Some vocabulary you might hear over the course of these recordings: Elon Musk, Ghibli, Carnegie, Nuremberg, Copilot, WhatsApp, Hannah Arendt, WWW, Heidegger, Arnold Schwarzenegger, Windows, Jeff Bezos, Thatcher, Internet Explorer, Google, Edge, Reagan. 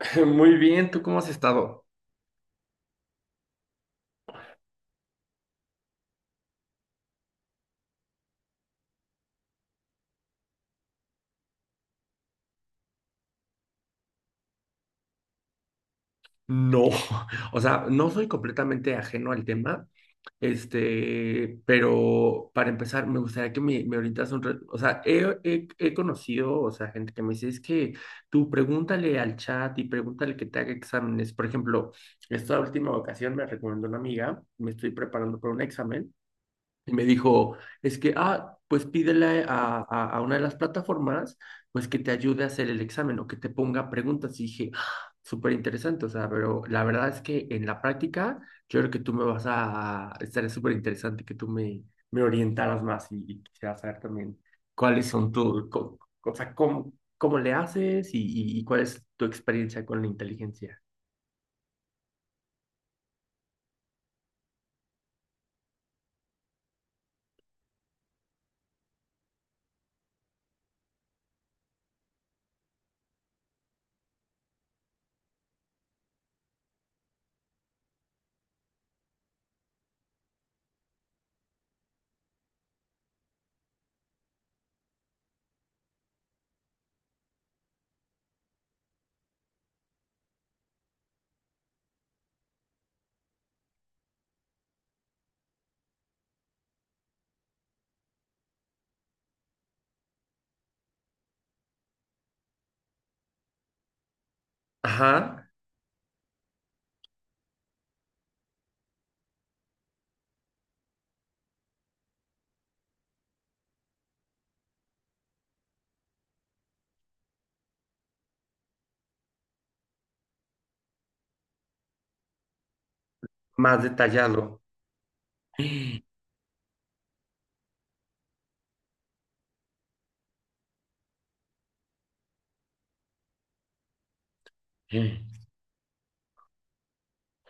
Muy bien, ¿tú cómo has estado? No. O sea, no soy completamente ajeno al tema, este, pero para empezar, me gustaría que me orientas o sea, he conocido, o sea, gente que me dice, es que tú pregúntale al chat y pregúntale que te haga exámenes. Por ejemplo, esta última ocasión me recomendó una amiga, me estoy preparando para un examen. Y me dijo, es que, pues pídele a una de las plataformas, pues que te ayude a hacer el examen o que te ponga preguntas. Y dije, "Ah, súper interesante, o sea, pero la verdad es que en la práctica, yo creo que tú me vas a, estaría súper interesante que tú me orientaras más y quisiera saber también cuáles son o sea, cómo le haces y cuál es tu experiencia con la inteligencia. Ajá, más detallado.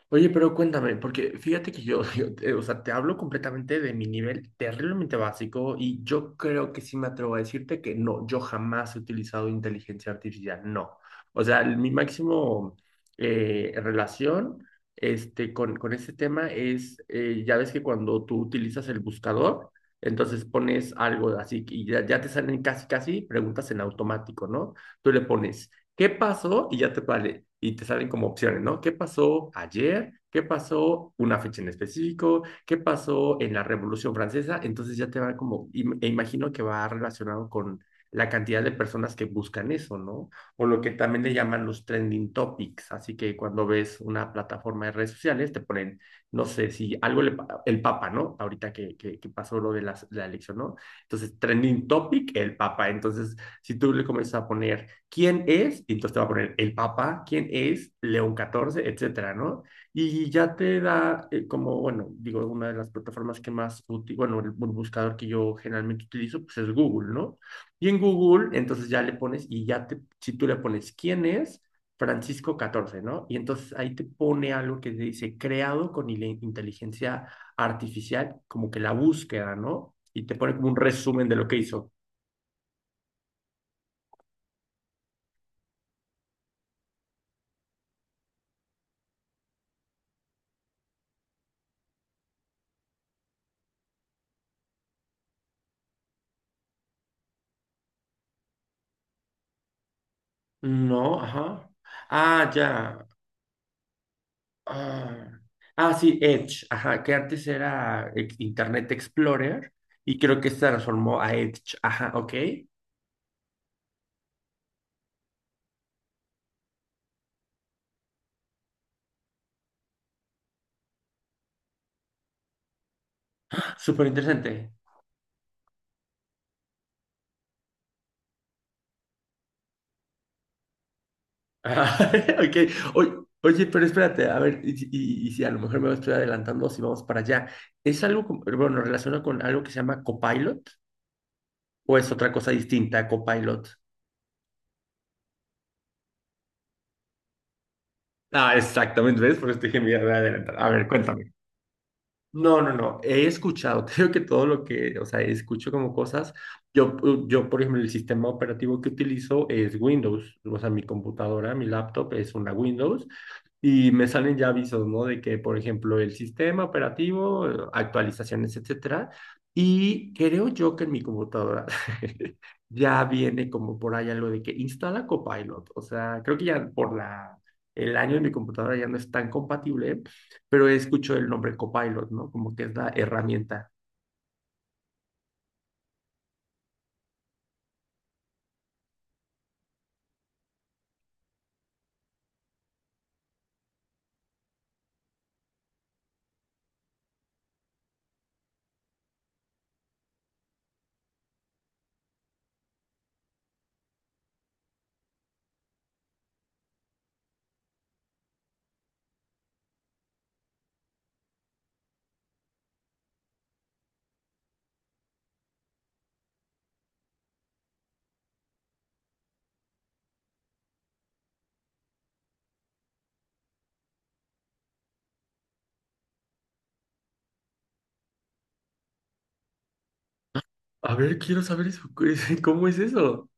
Oye, pero cuéntame, porque fíjate que yo, o sea, te hablo completamente de mi nivel terriblemente básico y yo creo que sí me atrevo a decirte que no, yo jamás he utilizado inteligencia artificial, no. O sea, mi máximo relación este, con este tema es, ya ves que cuando tú utilizas el buscador, entonces pones algo así y ya, ya te salen casi, casi preguntas en automático, ¿no? Tú le pones, ¿qué pasó? Y ya te vale, y te salen como opciones, ¿no? ¿Qué pasó ayer? ¿Qué pasó una fecha en específico? ¿Qué pasó en la Revolución Francesa? Entonces ya te va como, e imagino que va relacionado con la cantidad de personas que buscan eso, ¿no? O lo que también le llaman los trending topics. Así que cuando ves una plataforma de redes sociales, te ponen, no sé, si algo le, el Papa, ¿no? Ahorita que pasó lo de la elección, ¿no? Entonces, trending topic, el Papa. Entonces, si tú le comienzas a poner, ¿quién es? Y entonces te va a poner el Papa, ¿quién es? León XIV, etcétera, ¿no? Y ya te da, como, bueno, digo, una de las plataformas que más útil, bueno, el buscador que yo generalmente utilizo, pues es Google, ¿no? Y en Google, entonces ya le pones, y ya te, si tú le pones quién es, Francisco XIV, ¿no? Y entonces ahí te pone algo que dice creado con inteligencia artificial, como que la búsqueda, ¿no? Y te pone como un resumen de lo que hizo. No, ajá. Ah, ya. Ah, sí, Edge, ajá, que antes era Internet Explorer y creo que se transformó a Edge, ajá, ok. Súper interesante. Ajá, ok. Oye, pero espérate, a ver, y si a lo mejor me estoy adelantando, si vamos para allá, ¿es algo, bueno, relacionado con algo que se llama Copilot o es otra cosa distinta a Copilot? Ah, exactamente, ¿ves? Por eso te dije, mira, me voy a adelantar. A ver, cuéntame. No, no, no. He escuchado, creo que todo lo que, o sea, escucho como cosas. Yo, por ejemplo, el sistema operativo que utilizo es Windows. O sea, mi computadora, mi laptop es una Windows. Y me salen ya avisos, ¿no? De que, por ejemplo, el sistema operativo, actualizaciones, etcétera. Y creo yo que en mi computadora ya viene como por ahí algo de que instala Copilot. O sea, creo que ya por el año de mi computadora ya no es tan compatible, pero escucho el nombre Copilot, ¿no? Como que es la herramienta. A ver, quiero saber eso. ¿Cómo es eso?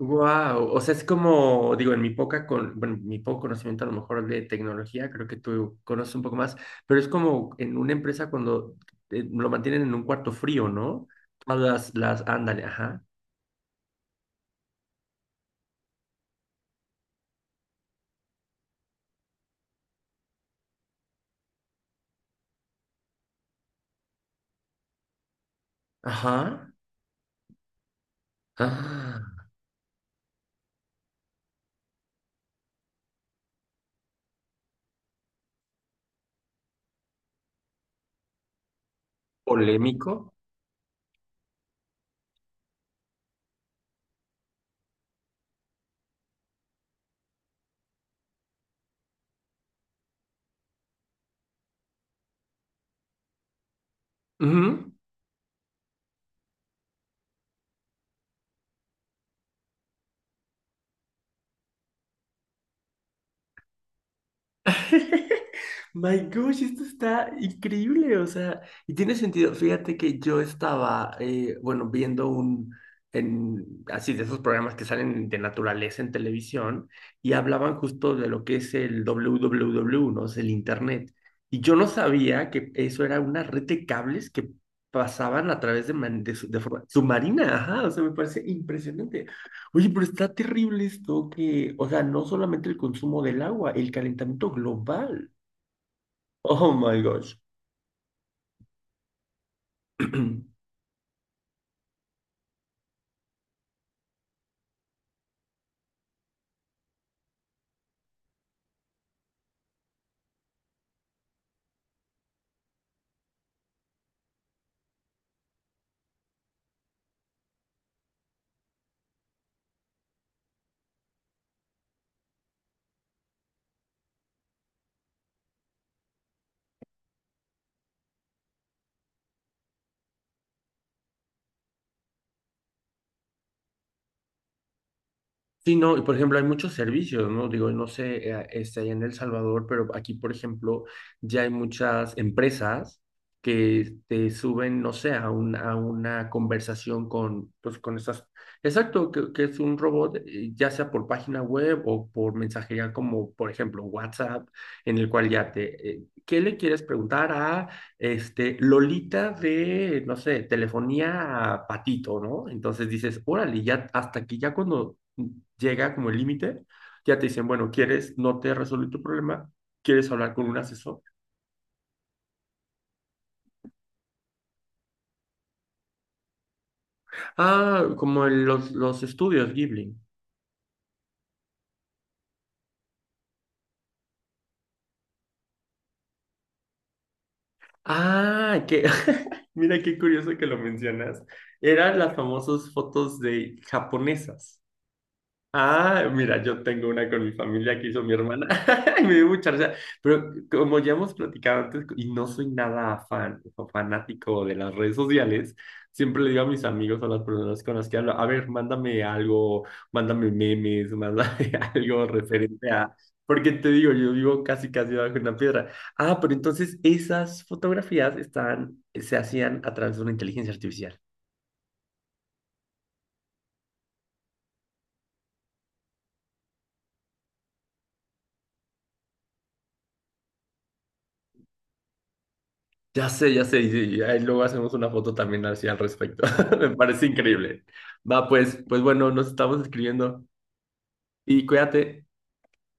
Wow, o sea, es como, digo, en bueno, mi poco conocimiento a lo mejor de tecnología, creo que tú conoces un poco más, pero es como en una empresa cuando lo mantienen en un cuarto frío, ¿no? Todas las, ándale, ajá, ajá, ah, polémico. Ujú. My gosh, esto está increíble, o sea, y tiene sentido. Fíjate que yo estaba, bueno, viendo en, así de esos programas que salen de naturaleza en televisión y hablaban justo de lo que es el WWW, ¿no? Es el Internet. Y yo no sabía que eso era una red de cables que pasaban a través de, man- de, su- de forma submarina, ajá, o sea, me parece impresionante. Oye, pero está terrible esto que, o sea, no solamente el consumo del agua, el calentamiento global. Oh my gosh. Sí, no, y por ejemplo, hay muchos servicios, ¿no? Digo, no sé, este, allá en El Salvador, pero aquí, por ejemplo, ya hay muchas empresas que te suben, no sé, a una conversación con, pues, con estas. Exacto, que es un robot, ya sea por página web o por mensajería, como por ejemplo WhatsApp, en el cual ya te, ¿qué le quieres preguntar a este, Lolita de, no sé, telefonía a patito, ¿no? Entonces dices, órale, ya hasta aquí, ya cuando llega como el límite, ya te dicen, bueno, ¿quieres? No te resolví tu problema, ¿quieres hablar con un asesor? Ah, como en los estudios Ghibli. Ah, que, mira qué curioso que lo mencionas. Eran las famosas fotos de japonesas. Ah, mira, yo tengo una con mi familia que hizo mi hermana. Y me dio mucha risa. Pero como ya hemos platicado antes, y no soy nada fan o fanático de las redes sociales, siempre le digo a mis amigos, a las personas con las que hablo, a ver, mándame algo, mándame memes, mándame algo referente a. Porque te digo, yo vivo casi, casi bajo una piedra. Ah, pero entonces esas fotografías están, se hacían a través de una inteligencia artificial. Ya sé, y ahí luego hacemos una foto también así al respecto. Me parece increíble. Va, pues, bueno, nos estamos escribiendo y cuídate.